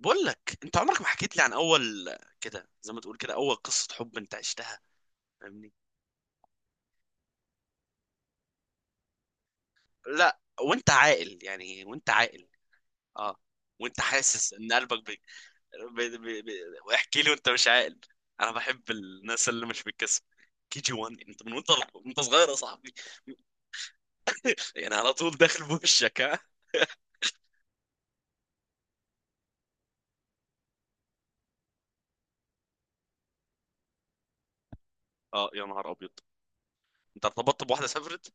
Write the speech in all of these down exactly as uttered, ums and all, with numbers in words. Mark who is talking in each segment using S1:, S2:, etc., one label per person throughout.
S1: بقول لك انت عمرك ما حكيت لي عن اول، كده زي ما تقول كده، اول قصة حب انت عشتها. فاهمني؟ لا وانت عاقل، يعني وانت عاقل. اه. وانت حاسس ان قلبك بي... بي... بي... بي... واحكي لي وانت مش عاقل. انا بحب الناس اللي مش بتكسب. كي جي واحد؟ انت من وانت وانت صغير يا صاحبي. يعني على طول داخل بوشك ها. اه يا نهار ابيض، انت ارتبطت بواحدة سافرت؟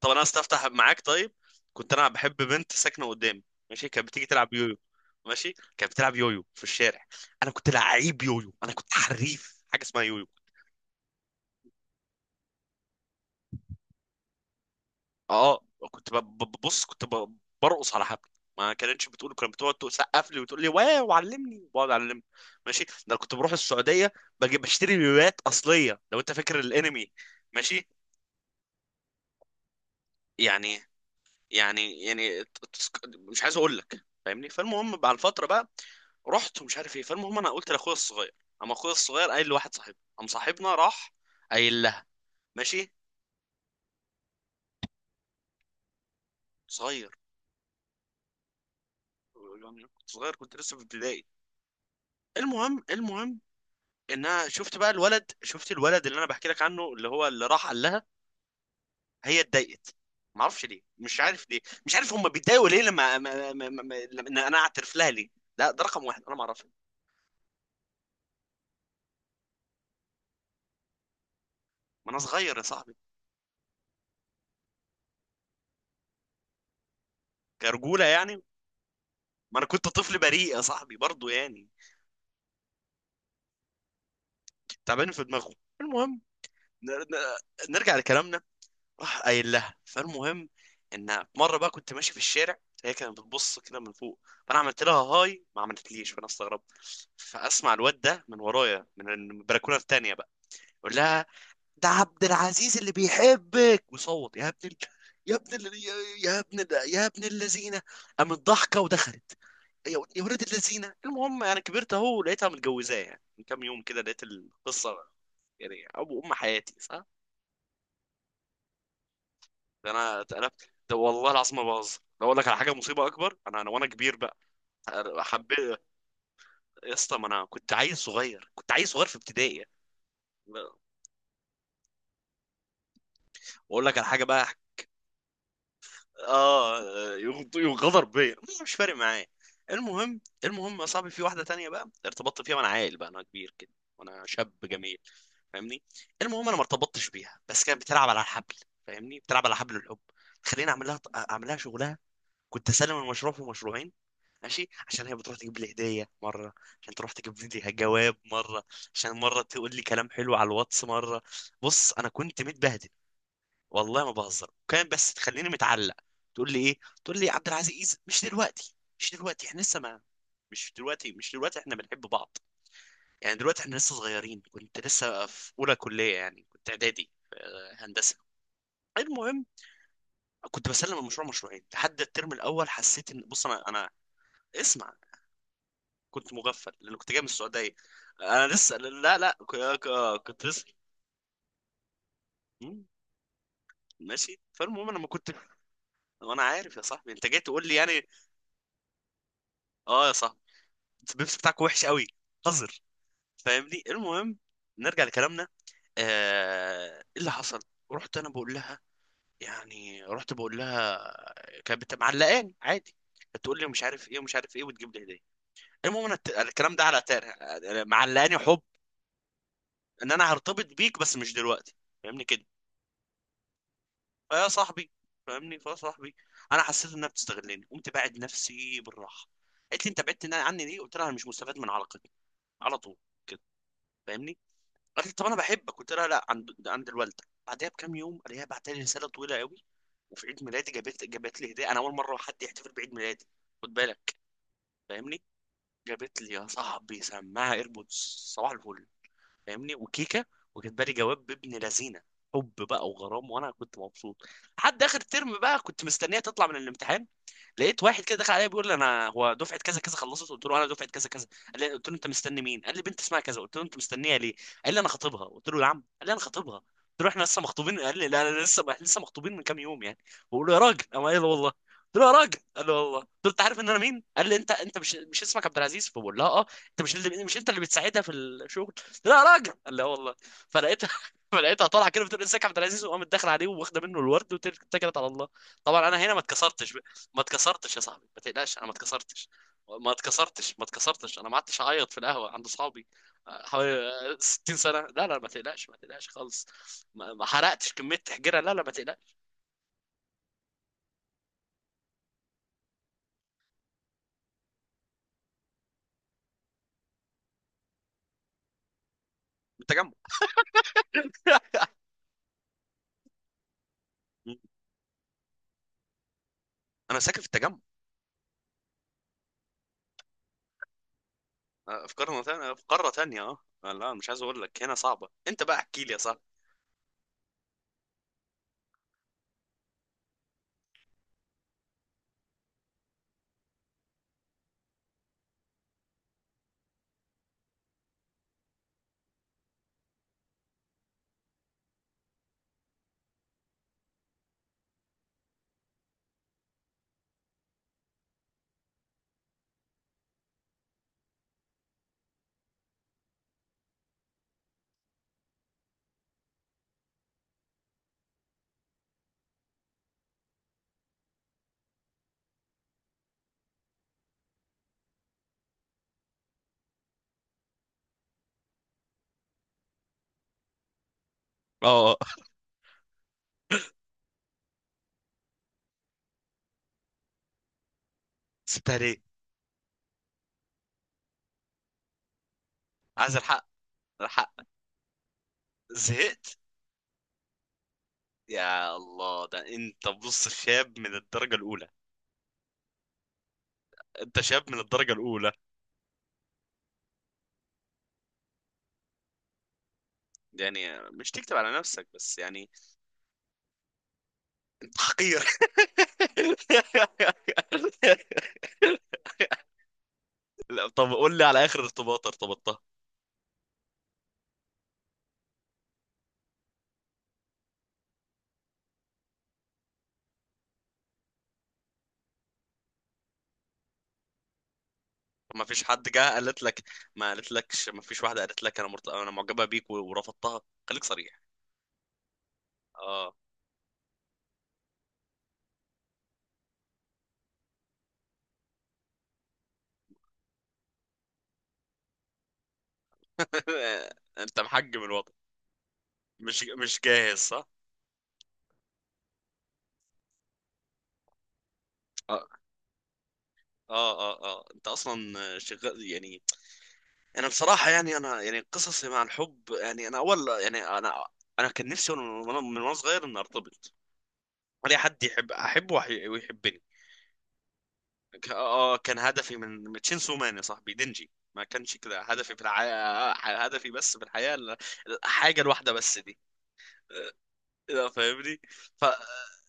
S1: طب انا استفتح معاك طيب. كنت انا بحب بنت ساكنه قدامي، ماشي. كانت بتيجي تلعب يويو، ماشي. كانت بتلعب يويو في الشارع. انا كنت لعيب يويو، انا كنت حريف حاجه اسمها يويو. اه. كنت ب- ب- ببص كنت ب- برقص على حبل. ما كانتش بتقول، كانت بتقعد تسقف لي وتقول لي واو، علمني. بقعد اعلمني، ماشي. ده أنا كنت بروح السعوديه، بجيب بشتري يويوات اصليه. لو انت فاكر الانمي، ماشي. يعني يعني يعني ت- تسك- مش عايز اقول لك، فاهمني؟ فالمهم بعد الفتره بقى رحت ومش عارف ايه. فالمهم انا قلت لاخويا الصغير، اما اخويا الصغير قايل لواحد صاحبنا، قام صاحبنا راح قايل لها، ماشي. صغير، يعني كنت صغير، كنت لسه في ابتدائي. المهم، المهم ان انا شفت بقى الولد، شفت الولد اللي انا بحكي لك عنه، اللي هو اللي راح قال لها. هي اتضايقت، ما اعرفش ليه، مش عارف ليه، مش عارف هم بيتضايقوا ليه لما ما ما ما ما- لما إن انا اعترف لها ليه. لا ده رقم واحد انا ما اعرفش. ما انا صغير يا صاحبي، كرجوله يعني. ما انا كنت طفل بريء يا صاحبي برضو يعني، تعبان في دماغه. المهم، ن- ن- نرجع لكلامنا. راح قايل لها، فالمهم ان مره بقى كنت ماشي في الشارع، هي كانت بتبص كده من فوق، فانا عملت لها هاي، ما عملتليش، فانا استغربت. فاسمع الواد ده من ورايا من البلكونه التانيه بقى يقول لها: ده عبد العزيز اللي بيحبك. وصوت يا ابن ال... يا ابن ال... يا يا ابن ال... يا ابن اللذينه. قامت ضحكه ودخلت. يا يا ولاد الذين. المهم، يعني كبرت اهو، لقيتها متجوزاه يعني من كام يوم كده، لقيت القصه يعني ابو ام حياتي، صح؟ فانا اتقلبت، ده والله العظيم ما بهزر. لو اقول لك على حاجه مصيبه اكبر، انا انا وانا كبير بقى حبيت. يا اسطى ما انا كنت عيل صغير، كنت عيل صغير في ابتدائي يعني. واقول لك على حاجه بقى. اه، يغ- يغدر بيا، مش فارق معايا. المهم، المهم يا صاحبي، في واحده تانية بقى ارتبطت فيها وانا عيل بقى. انا كبير كده وانا شاب جميل، فاهمني. المهم انا ما ارتبطتش بيها، بس كانت بتلعب على الحبل. فاهمني، بتلعب على حبل الحب. خليني اعمل لها، اعمل لها شغلها. كنت اسلم المشروع في مشروعين، ماشي، عشان هي بتروح تجيب لي هديه مره، عشان تروح تجيب لي جواب مره، عشان مره تقول لي كلام حلو على الواتس مره. بص انا كنت متبهدل، والله ما بهزر. كان بس تخليني متعلق. تقول لي ايه؟ تقول لي عبد العزيز، مش دلوقتي، مش دلوقتي، احنا لسه ما. مش دلوقتي، مش دلوقتي، احنا بنحب بعض. يعني دلوقتي احنا لسه صغيرين. كنت لسه في اولى كليه، يعني كنت اعدادي في هندسه. المهم كنت بسلم المشروع مشروعين لحد الترم الاول. حسيت ان، بص انا، انا اسمع. كنت مغفل لان كنت جاي من السعوديه. انا لسه، لا لا، ك- ك- كنت لسه. مم، ماشي. فالمهم انا ما كنت. وانا عارف يا صاحبي انت جاي تقول لي يعني. اه يا صاحبي، البيبس بتاعك وحش قوي، قذر. فاهمني. المهم نرجع لكلامنا. آه... ايه اللي حصل؟ رحت انا بقول لها، يعني رحت بقول لها. كانت بت- معلقاني عادي، بتقول لي مش عارف ايه ومش عارف ايه، وتجيب لي هديه. المهم انا الت- الكلام ده على تارة. معلقاني حب، ان انا هرتبط بيك بس مش دلوقتي، فاهمني كده. فيا صاحبي، فاهمني، فيا صاحبي، انا حسيت انها بتستغلني، قمت باعد نفسي بالراحه. قالت لي انت بعدت عني ليه؟ قلت لها انا مش مستفاد من علاقتنا، على طول كده، فاهمني. قالت لي طب انا بحبك، قلت لها لا عند، عند الوالده. بعدها بكام يوم قالت، بعت لي رساله طويله قوي. وفي عيد ميلادي جابت، جابت لي هديه. انا اول مره حد يحتفل بعيد ميلادي، خد بالك، فاهمني. جابت لي يا صاحبي سماعه ايربودز، صباح الفل، فاهمني، وكيكه، وكاتبه لي جواب بابن لذينه، حب بقى وغرام. وانا كنت مبسوط. لحد اخر ترم بقى كنت مستنيه تطلع من الامتحان، لقيت واحد كده دخل عليا بيقول لي انا هو دفعه كذا كذا خلصت. قلت له انا دفعه كذا كذا. قال لي، قلت له انت مستني مين؟ قال لي بنت اسمها كذا. قلت له انت مستنيها ليه؟ قال لي انا خطيبها. قلت له يا عم. قال لي انا خطيبها. قلت له احنا لسه مخطوبين. قال لي لا لا لسه لسه مخطوبين من كام يوم يعني. بقول له يا راجل، قام قال لي والله. قلت له يا راجل، قال لي والله. قلت له انت عارف ان انا مين؟ قال لي انت، انت مش مش اسمك عبد العزيز، فبقول لها اه انت مش اللي، مش انت اللي بتساعدها في الشغل؟ قلت لها يا راجل، قال لي اه والله. فلقيتها فلقيتها طالعه كده بتقول ازيك يا عبد العزيز، وقامت داخله عليه واخده منه الورد واتكلت على الله. طبعا انا هنا ما اتكسرتش. ما اتكسرتش يا صاحبي، ما تقلقش، انا ما اتكسرتش. ما اتكسرتش، ما اتكسرتش، انا ما قعدتش اعيط في القهوه عند اصحابي. آه، حوالي آه، ستين سنه. لا لا ما تقلقش، ما تقلقش خالص. ما ما حرقتش كميه تحجيره، لا لا ما تقلقش. من التجمع. مم. انا ساكن في التجمع. آه، في قاره ثانيه، في قاره ثانيه. اه آه، لا مش عايز اقول لك، هنا صعبه. انت بقى احكي لي يا صاحبي. اه، سبتها ليه؟ عايز الحق، الحق. زهقت. يا الله، ده انت بص شاب من الدرجه الاولى. انت شاب من الدرجه الاولى، يعني مش تكتب على نفسك بس يعني. انت حقير. لا طب قول لي على اخر ارتباط ارتبطتها. ما فيش حد جه قالت لك؟ ما قالت لكش؟ ما فيش واحده قالت لك انا مرت... انا معجبه بيك و- ورفضتها؟ خليك صريح. اه. انت محجم الوضع؟ مش مش جاهز صح؟ اه اه اه. اه انت اصلا شغال يعني. انا بصراحه يعني، انا يعني قصصي مع الحب، يعني انا اول، يعني انا انا كان نفسي وانا من، وانا من وأنا صغير ان ارتبط. اي حد يحب احبه وحي- ويحبني. ك- اه آه، كان هدفي من تشينسو مان يا صاحبي، دينجي. ما كانش كده هدفي في الحياة، هدفي بس في الحياة ال- الحاجة الواحدة بس دي. لا فاهمني. ف... آه،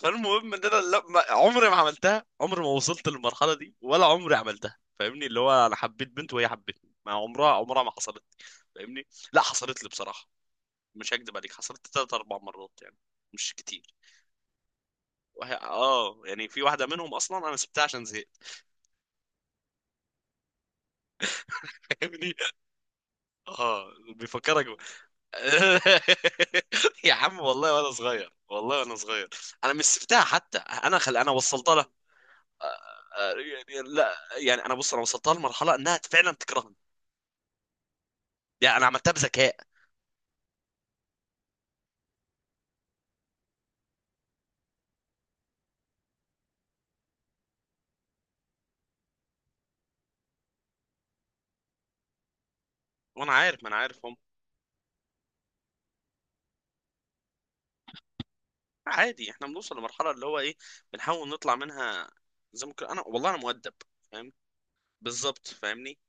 S1: فالمهم ان انا لما، عمري ما عملتها، عمري ما وصلت للمرحله دي ولا عمري عملتها. فاهمني؟ اللي هو انا حبيت بنت وهي حبتني، ما عمرها، عمرها ما حصلت لي. فاهمني؟ لا حصلت لي بصراحه، مش هكدب عليك، حصلت ثلاث اربع مرات يعني، مش كتير. وهي اه، يعني في واحده منهم اصلا انا سبتها عشان زهقت. فاهمني. اه بيفكرك ب- يا عم والله وانا صغير، والله وانا صغير. انا مش سبتها حتى، انا خل... انا وصلتها له. يعني لا يعني، انا بص، انا وصلتها لمرحله انها فعلا تكرهني، يعني انا عملتها بذكاء. وانا عارف، ما انا عارف هم. عادي احنا بنوصل لمرحله اللي هو ايه، بنحاول نطلع منها. زي ما كنا- انا والله انا مؤدب، فاهم؟ بالظبط فاهمني.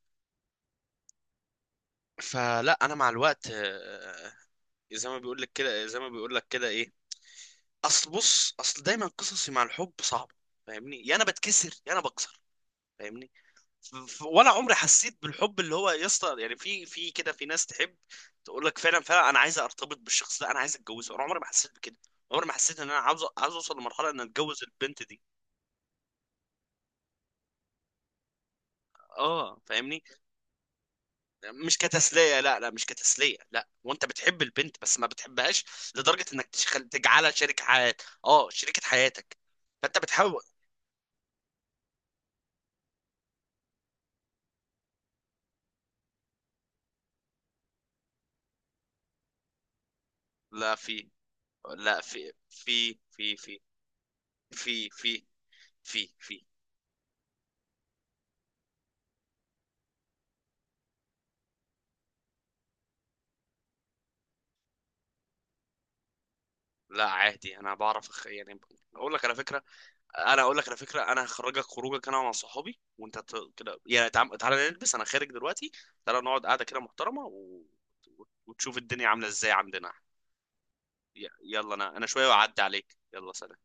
S1: فلا انا مع الوقت آه، زي ما بيقول لك كده، زي ما بيقول لك كده ايه. اصل بص، اصل دايما قصصي مع الحب صعبه، فاهمني، يا انا بتكسر يا انا بكسر، فاهمني. ف- ف- ولا عمري حسيت بالحب اللي هو، يا اسطى يعني، في في كده، في ناس تحب تقول لك فعلا فعلا انا عايز ارتبط بالشخص ده، انا عايز اتجوزه. انا عمري ما حسيت بكده. عمري ما حسيت ان انا عاوز عاوز اوصل لمرحله ان اتجوز البنت دي. اه فاهمني. مش كتسليه، لا لا مش كتسليه. لا وانت بتحب البنت، بس ما بتحبهاش لدرجه انك تشخل- تجعلها شريك حياتك، اه شريكه حياتك. فانت بتحاول. لا في. لا في في في في في في في في. لا عادي، انا بعرف أخ... يعني اقول لك على فكره، انا اقول لك على فكره. انا هخرجك خروجك، انا مع صحابي، وانت ت... كده يعني، تعال... تعال نلبس، انا خارج دلوقتي. تعال نقعد قاعده كده محترمه و... وتشوف الدنيا عامله ازاي عندنا. ي... يلا انا، انا شويه وأعدي عليك. يلا سلام.